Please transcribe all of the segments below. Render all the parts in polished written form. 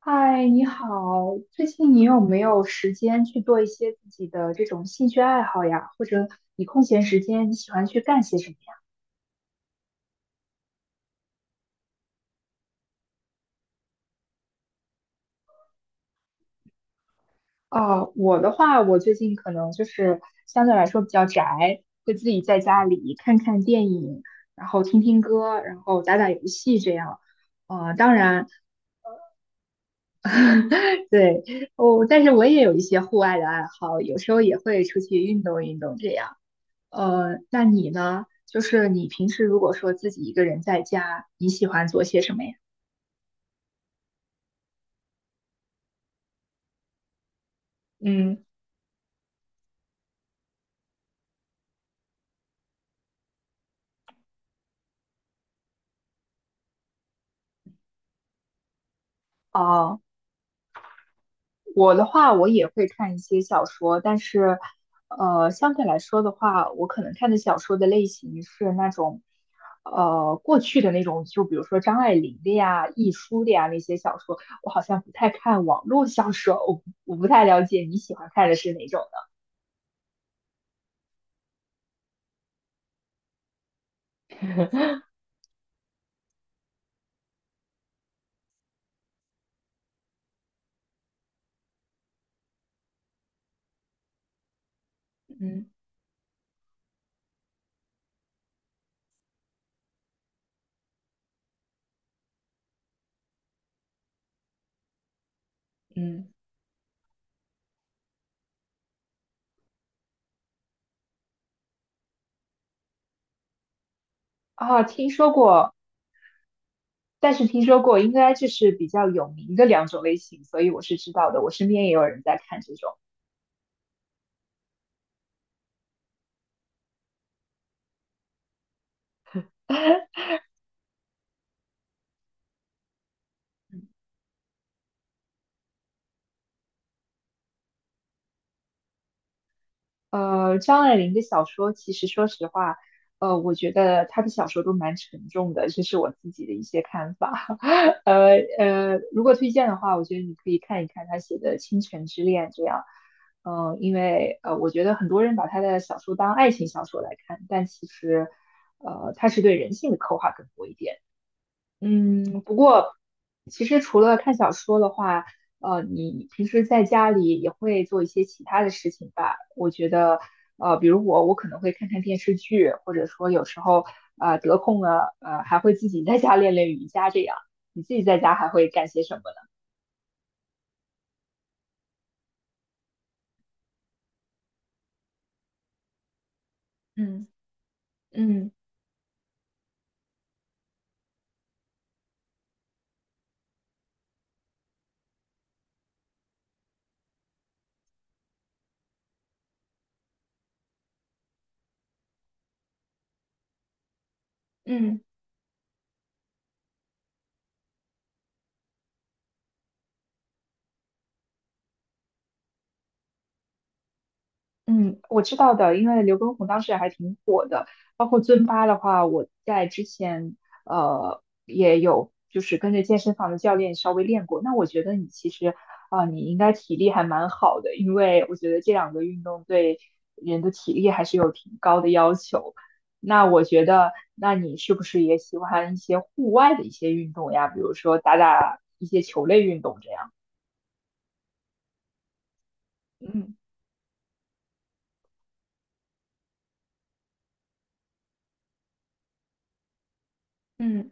嗨，你好，最近你有没有时间去做一些自己的这种兴趣爱好呀？或者你空闲时间你喜欢去干些什么呀？哦，我的话，我最近可能就是相对来说比较宅，会自己在家里看看电影，然后听听歌，然后打打游戏这样。呃，当然，对，哦，但是我也有一些户外的爱好，有时候也会出去运动运动这样。那你呢？就是你平时如果说自己一个人在家，你喜欢做些什么呀？嗯，哦，我的话，我也会看一些小说，但是，相对来说的话，我可能看的小说的类型是那种，过去的那种，就比如说张爱玲的呀、亦舒的呀那些小说，我好像不太看网络小说，我不太了解你喜欢看的是哪种的。嗯嗯。啊，听说过，但是听说过，应该就是比较有名的两种类型，所以我是知道的。我身边也有人在看这种。呃，张爱玲的小说，其实说实话，我觉得她的小说都蛮沉重的，这是我自己的一些看法。如果推荐的话，我觉得你可以看一看她写的《倾城之恋》这样。嗯、呃因为呃，我觉得很多人把她的小说当爱情小说来看，但其实，她是对人性的刻画更多一点。嗯，不过其实除了看小说的话，你平时在家里也会做一些其他的事情吧？我觉得，呃，比如我，我可能会看看电视剧，或者说有时候，得空了，还会自己在家练练瑜伽这样。你自己在家还会干些什么呢？嗯嗯嗯。嗯，我知道的，因为刘畊宏当时还挺火的，包括尊巴的话，我在之前也有就是跟着健身房的教练稍微练过。那我觉得你其实你应该体力还蛮好的，因为我觉得这两个运动对人的体力还是有挺高的要求。那我觉得，那你是不是也喜欢一些户外的一些运动呀？比如说打打一些球类运动这样。嗯嗯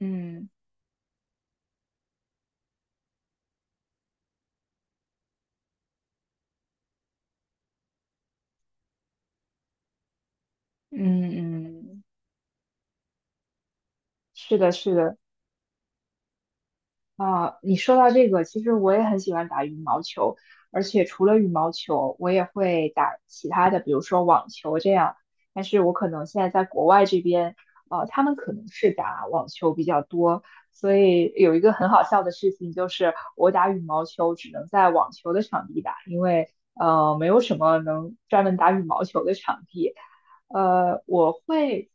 嗯嗯嗯，是的，是的。啊，你说到这个，其实我也很喜欢打羽毛球，而且除了羽毛球，我也会打其他的，比如说网球这样。但是我可能现在在国外这边，他们可能是打网球比较多，所以有一个很好笑的事情就是，我打羽毛球只能在网球的场地打，因为没有什么能专门打羽毛球的场地。呃，我会。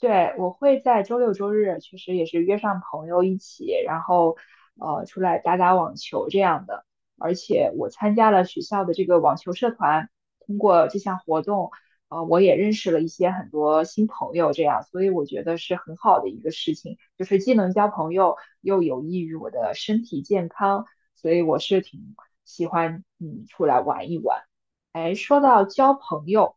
对，我会在周六周日，其实也是约上朋友一起，然后出来打打网球这样的。而且我参加了学校的这个网球社团，通过这项活动，我也认识了一些很多新朋友，这样，所以我觉得是很好的一个事情，就是既能交朋友，又有益于我的身体健康，所以我是挺喜欢出来玩一玩。哎，说到交朋友，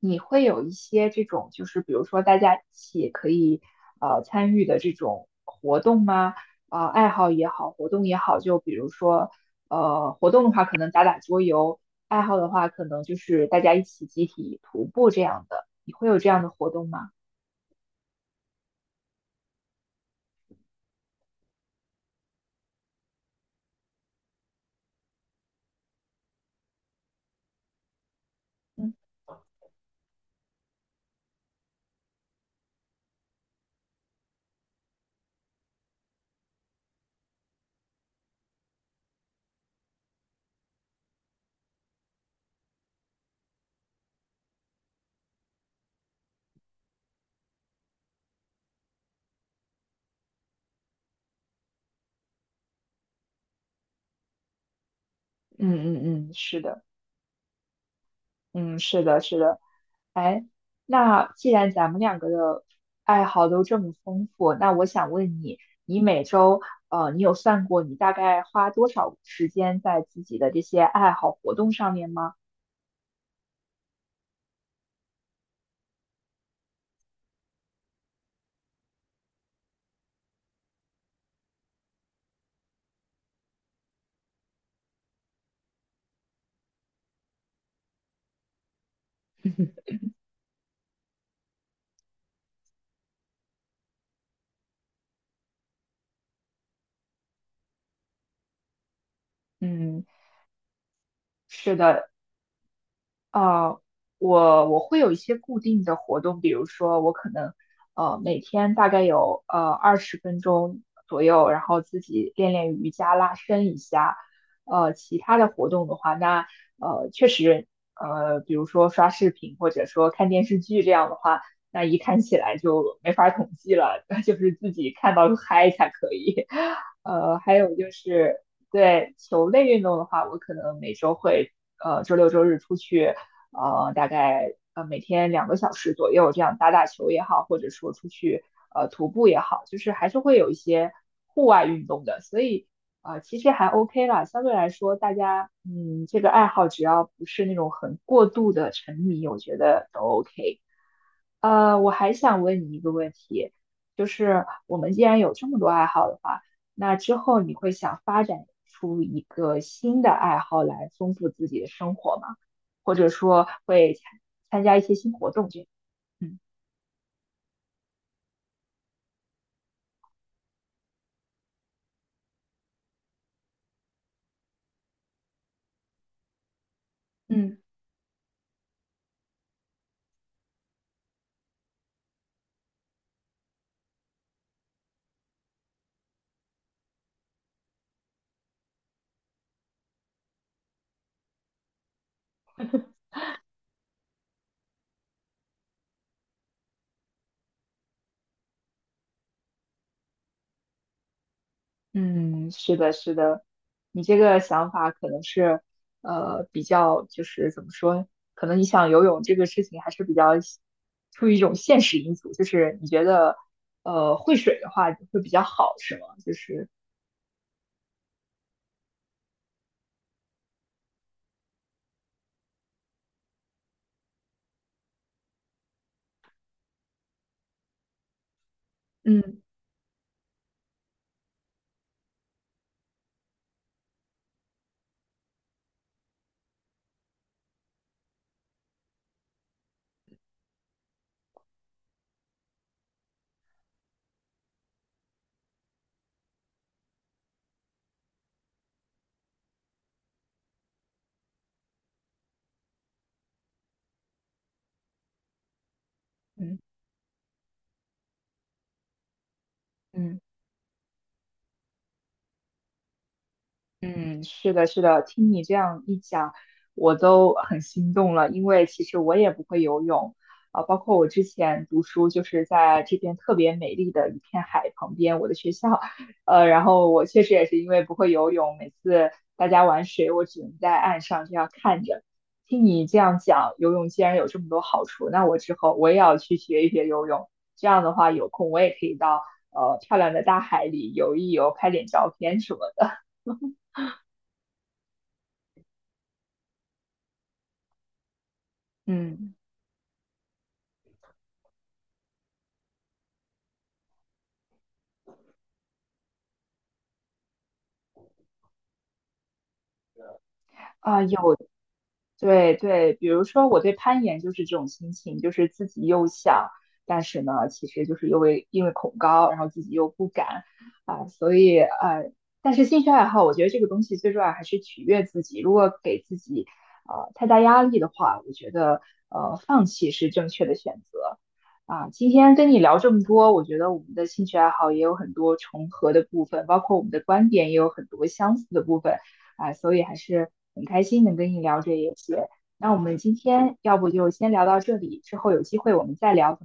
你会有一些这种，就是比如说大家一起可以参与的这种活动吗？啊、爱好也好，活动也好，就比如说活动的话可能打打桌游，爱好的话可能就是大家一起集体徒步这样的。你会有这样的活动吗？嗯嗯嗯嗯，是的，嗯是的，是的。哎，那既然咱们两个的爱好都这么丰富，那我想问你，你每周，你有算过你大概花多少时间在自己的这些爱好活动上面吗？嗯，是的，啊，我会有一些固定的活动，比如说我可能每天大概有20分钟左右，然后自己练练瑜伽、拉伸一下。呃，其他的活动的话，那呃确实呃，比如说刷视频或者说看电视剧这样的话，那一看起来就没法统计了，就是自己看到嗨才可以。还有就是对球类运动的话，我可能每周会。呃，周六周日出去大概每天2个小时左右这样打打球也好，或者说出去徒步也好，就是还是会有一些户外运动的，所以其实还 OK 啦，相对来说大家这个爱好只要不是那种很过度的沉迷，我觉得都 OK。呃，我还想问你一个问题，就是我们既然有这么多爱好的话，那之后你会想发展出一个新的爱好来丰富自己的生活吗？或者说会参参加一些新活动这样？嗯嗯。嗯，是的，是的，你这个想法可能是，比较就是怎么说，可能你想游泳这个事情还是比较出于一种现实因素，就是你觉得，会水的话会比较好，是吗？就是，嗯。嗯嗯。嗯，是的，是的，听你这样一讲，我都很心动了，因为其实我也不会游泳，啊、包括我之前读书就是在这边特别美丽的一片海旁边，我的学校，然后我确实也是因为不会游泳，每次大家玩水，我只能在岸上这样看着。听你这样讲，游泳既然有这么多好处，那我之后我也要去学一学游泳，这样的话有空我也可以到漂亮的大海里游一游，拍点照片什么的，嗯。啊，有，对对，比如说我对攀岩就是这种心情，就是自己又想，但是呢，其实就是因为恐高，然后自己又不敢啊，所以呃，但是兴趣爱好，我觉得这个东西最重要还是取悦自己。如果给自己太大压力的话，我觉得放弃是正确的选择啊。今天跟你聊这么多，我觉得我们的兴趣爱好也有很多重合的部分，包括我们的观点也有很多相似的部分。啊、所以还是很开心能跟你聊这一些。那我们今天要不就先聊到这里，之后有机会我们再聊。